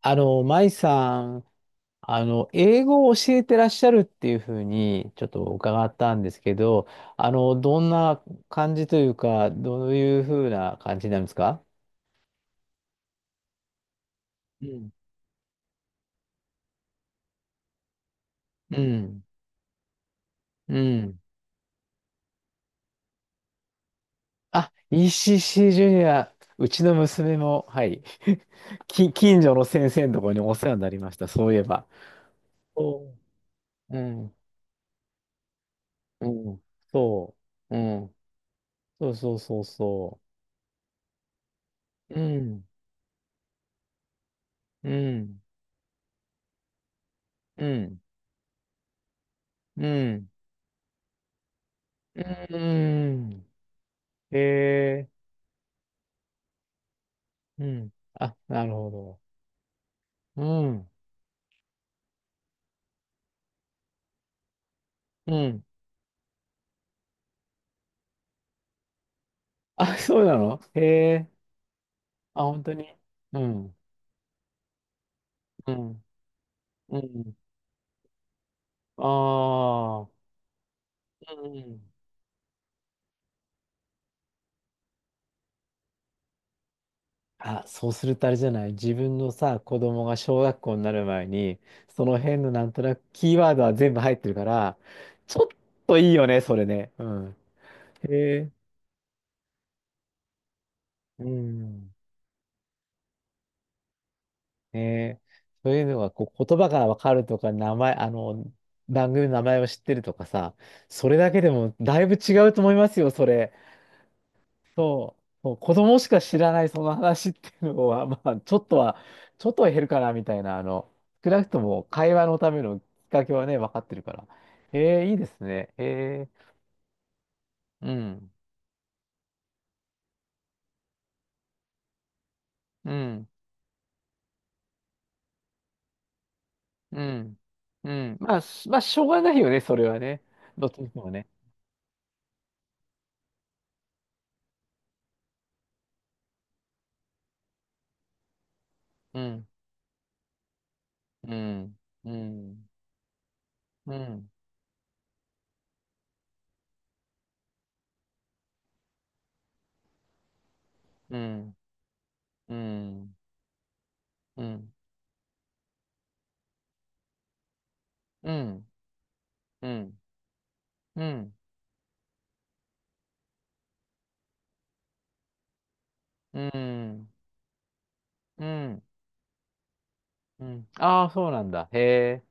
舞さん、英語を教えてらっしゃるっていうふうに、ちょっと伺ったんですけど、どんな感じというか、どういうふうな感じなんですか？うん。うん。うん。あ、ECC ジュニア、うちの娘も、はい、近所の先生のところにお世話になりました、そういえば。そう。うん。うん。そう。うん。そうそうそうそう。うん。うん。うん。うん。うーん。えー、うん。あ、なるほど。うん。うん。あ、そうなのへえ。あ、本当に。うん。うん。うん。ああ。うん。あ、そうするとあれじゃない。自分のさ、子供が小学校になる前に、その辺のなんとなくキーワードは全部入ってるから、ちょっといいよね、それね。うん。へえ。うん。ねえ、そういうのがこう言葉がわかるとか、名前、番組の名前を知ってるとかさ、それだけでもだいぶ違うと思いますよ、それ。そう、そう子供しか知らないその話っていうのは、まあ、ちょっとは、ちょっとは減るかな、みたいな、少なくとも会話のためのきっかけはね、分かってるから。ええ、いいですね。ええ、うん、うん、うん、うん。まあ、しょうがないよね、それはね。どっちにしてもね。うん、うん、うん、うん。うん、うん、うん、うん、うん、うん、うん、うん、うん。ああ、そうなんだ。へえ、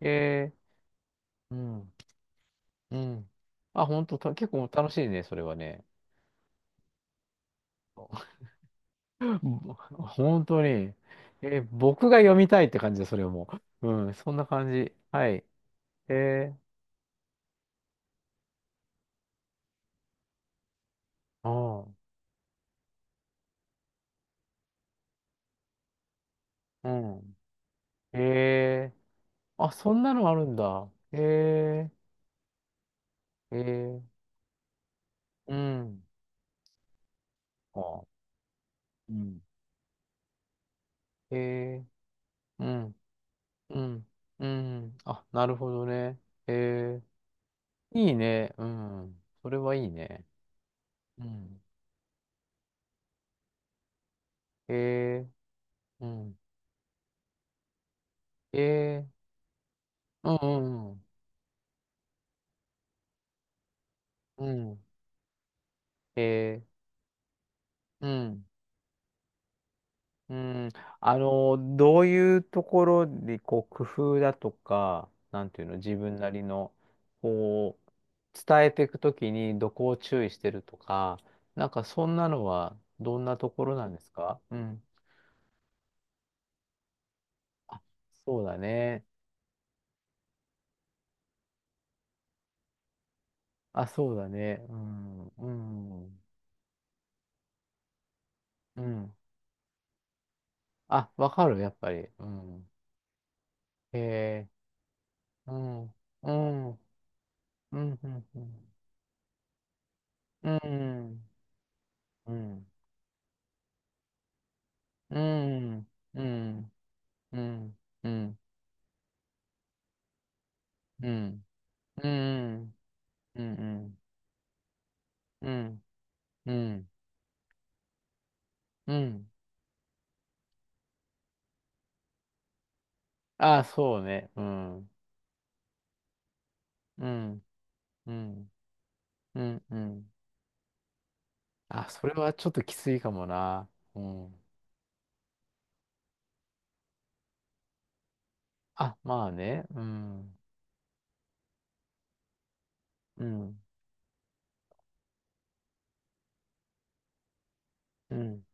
へえ、うん、うん。あ、本当た、結構楽しいね、それはね。本当に。え、僕が読みたいって感じだ、それも。うん、そんな感じ。はい。へえ、ああ、うん。へえ、あ、そんなのあるんだ。へえ、へえ、うん。ああ、うん。へえ、うん。うん。うん。あ、なるほどね。えー、いいね。うん。それはいいね。うん。えー、うん。えー、うんうんうん。うん。えー、うん。うん。どういうところで、こう、工夫だとか、なんていうの、自分なりの、こう、伝えていくときにどこを注意してるとか、なんかそんなのはどんなところなんですか？うん。あ、そうだね。あ、そうだね。うん、うん、うん。あ、わかる、やっぱり。うん。へえ、うん、うん、うん、うん、うん、うん、うん、うん、うん、うん、うん、うん、うん、うん、うん、うん。あ、そうね。うん、うん、うん、うん、うん。あ、それはちょっときついかもな。うん。あ、まあね。うん、うん、うん、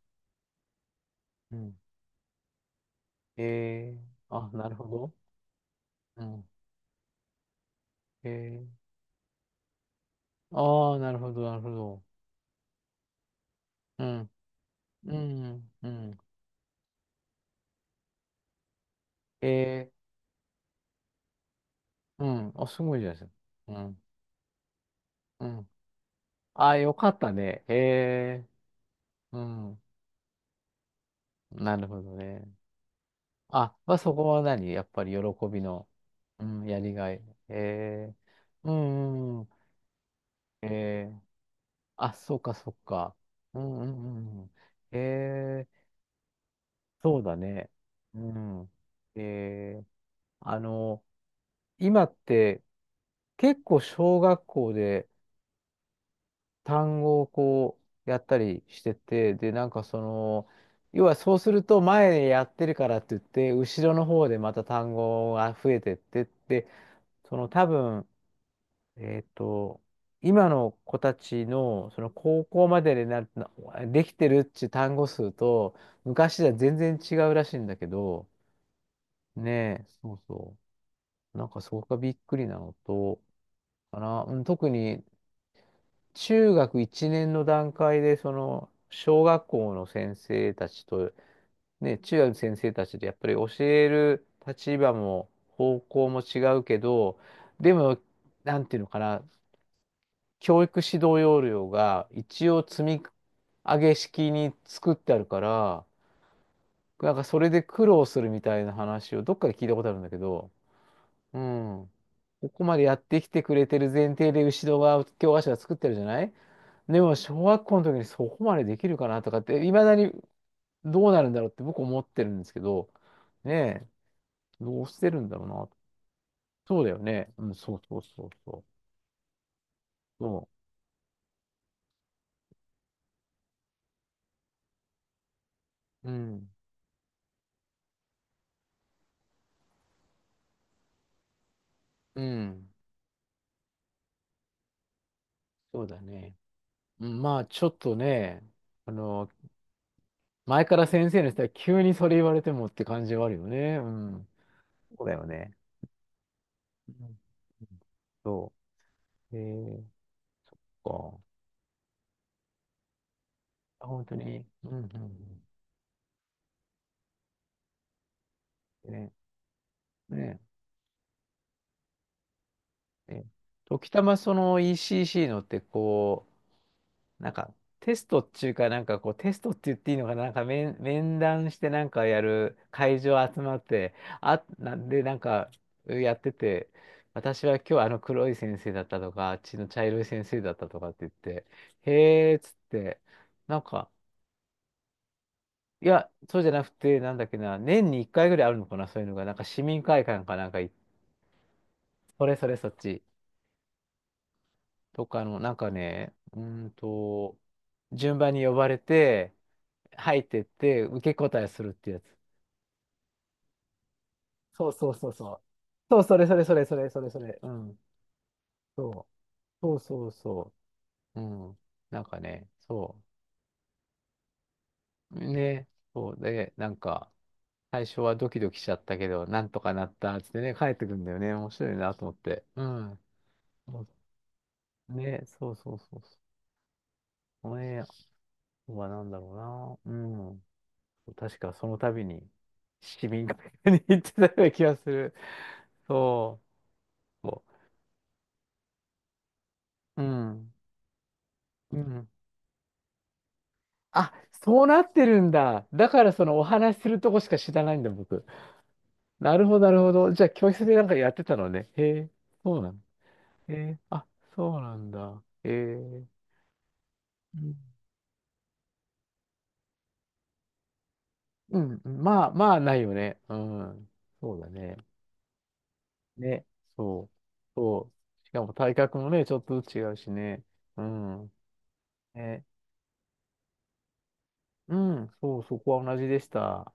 うん。えー、あ、なるほど。うん。えー、ああ、なるほど、なるほど。うん。うん、うん。えー、うん。あ、すごいじゃないですか。うん。うん。あ、よかったね。えー、うん。なるほどね。あ、まあ、そこは何やっぱり喜びの、うん、やりがい。えー、うん、うん。えー、あ、そうか、そうか。うん、うん、うん。うんえー、そうだね。うん。えーあの、今って結構小学校で単語をこうやったりしてて、で、なんかその、要はそうすると前でやってるからって言って、後ろの方でまた単語が増えてってって、その多分、えっと、今の子たちのその高校までになる、なできてるっていう単語数と、昔では全然違うらしいんだけど、ねえ、そうそう。なんかそこがびっくりなのと、かな。うん、特に中学1年の段階で、その、小学校の先生たちと、ね、中学の先生たちとやっぱり教える立場も方向も違うけど、でも、なんていうのかな、教育指導要領が一応積み上げ式に作ってあるから、なんかそれで苦労するみたいな話をどっかで聞いたことあるんだけど、うん。ここまでやってきてくれてる前提で、後ろ側、教科書が作ってるじゃない。でも、小学校の時にそこまでできるかなとかって、いまだにどうなるんだろうって僕思ってるんですけど、ねえ、どうしてるんだろうな。そうだよね。うん、そうそうそうそう。そう。うん、うん、そうだね。うん、まあ、ちょっとね、あの、前から先生の人は急にそれ言われてもって感じはあるよね。うん、そうだよね。うんそう。えー、そっか。あ、本当に。うん、うん、うん。ね、ね。ね時たまその ECC のってこう、なんかテストっていうか、なんかこうテストって言っていいのかな、面談してなんかやる会場集まって、あ、なんでなんかやってて、私は今日あの黒い先生だったとか、あっちの茶色い先生だったとかって言って、へーっつって、なんか、いや、そうじゃなくて、なんだっけな、年に1回ぐらいあるのかな、そういうのが、なんか市民会館かなんかい、それそれそっち。とかの、なんかね、うーんと、順番に呼ばれて、入ってって、受け答えするってやつ。そうそうそうそう。そう、それそれそれそれそれそれ。うん。そう。そうそうそう。うん。なんかね、そう。ね。そうで、なんか、最初はドキドキしちゃったけど、なんとかなったっつってね、帰ってくんだよね。面白いなと思って。うん。そうね、そうそうそうそう。このはなんだろうな。うん。確かその度に市民会館に行ってたような気がする。そう。そううん。うん。あ、そうなってるんだ。だからそのお話しするとこしか知らないんだ、僕。なるほど、なるほど。じゃあ教室でなんかやってたのね。へえ、そうなの。へえ、あ、そうなんだ。へえ。うん。うんうんまあ、まあ、ないよね。うん。そうだね。ね。そう。そう。しかも体格もね、ちょっとずつ違うしね。うん。ねうん、そう、そこは同じでした。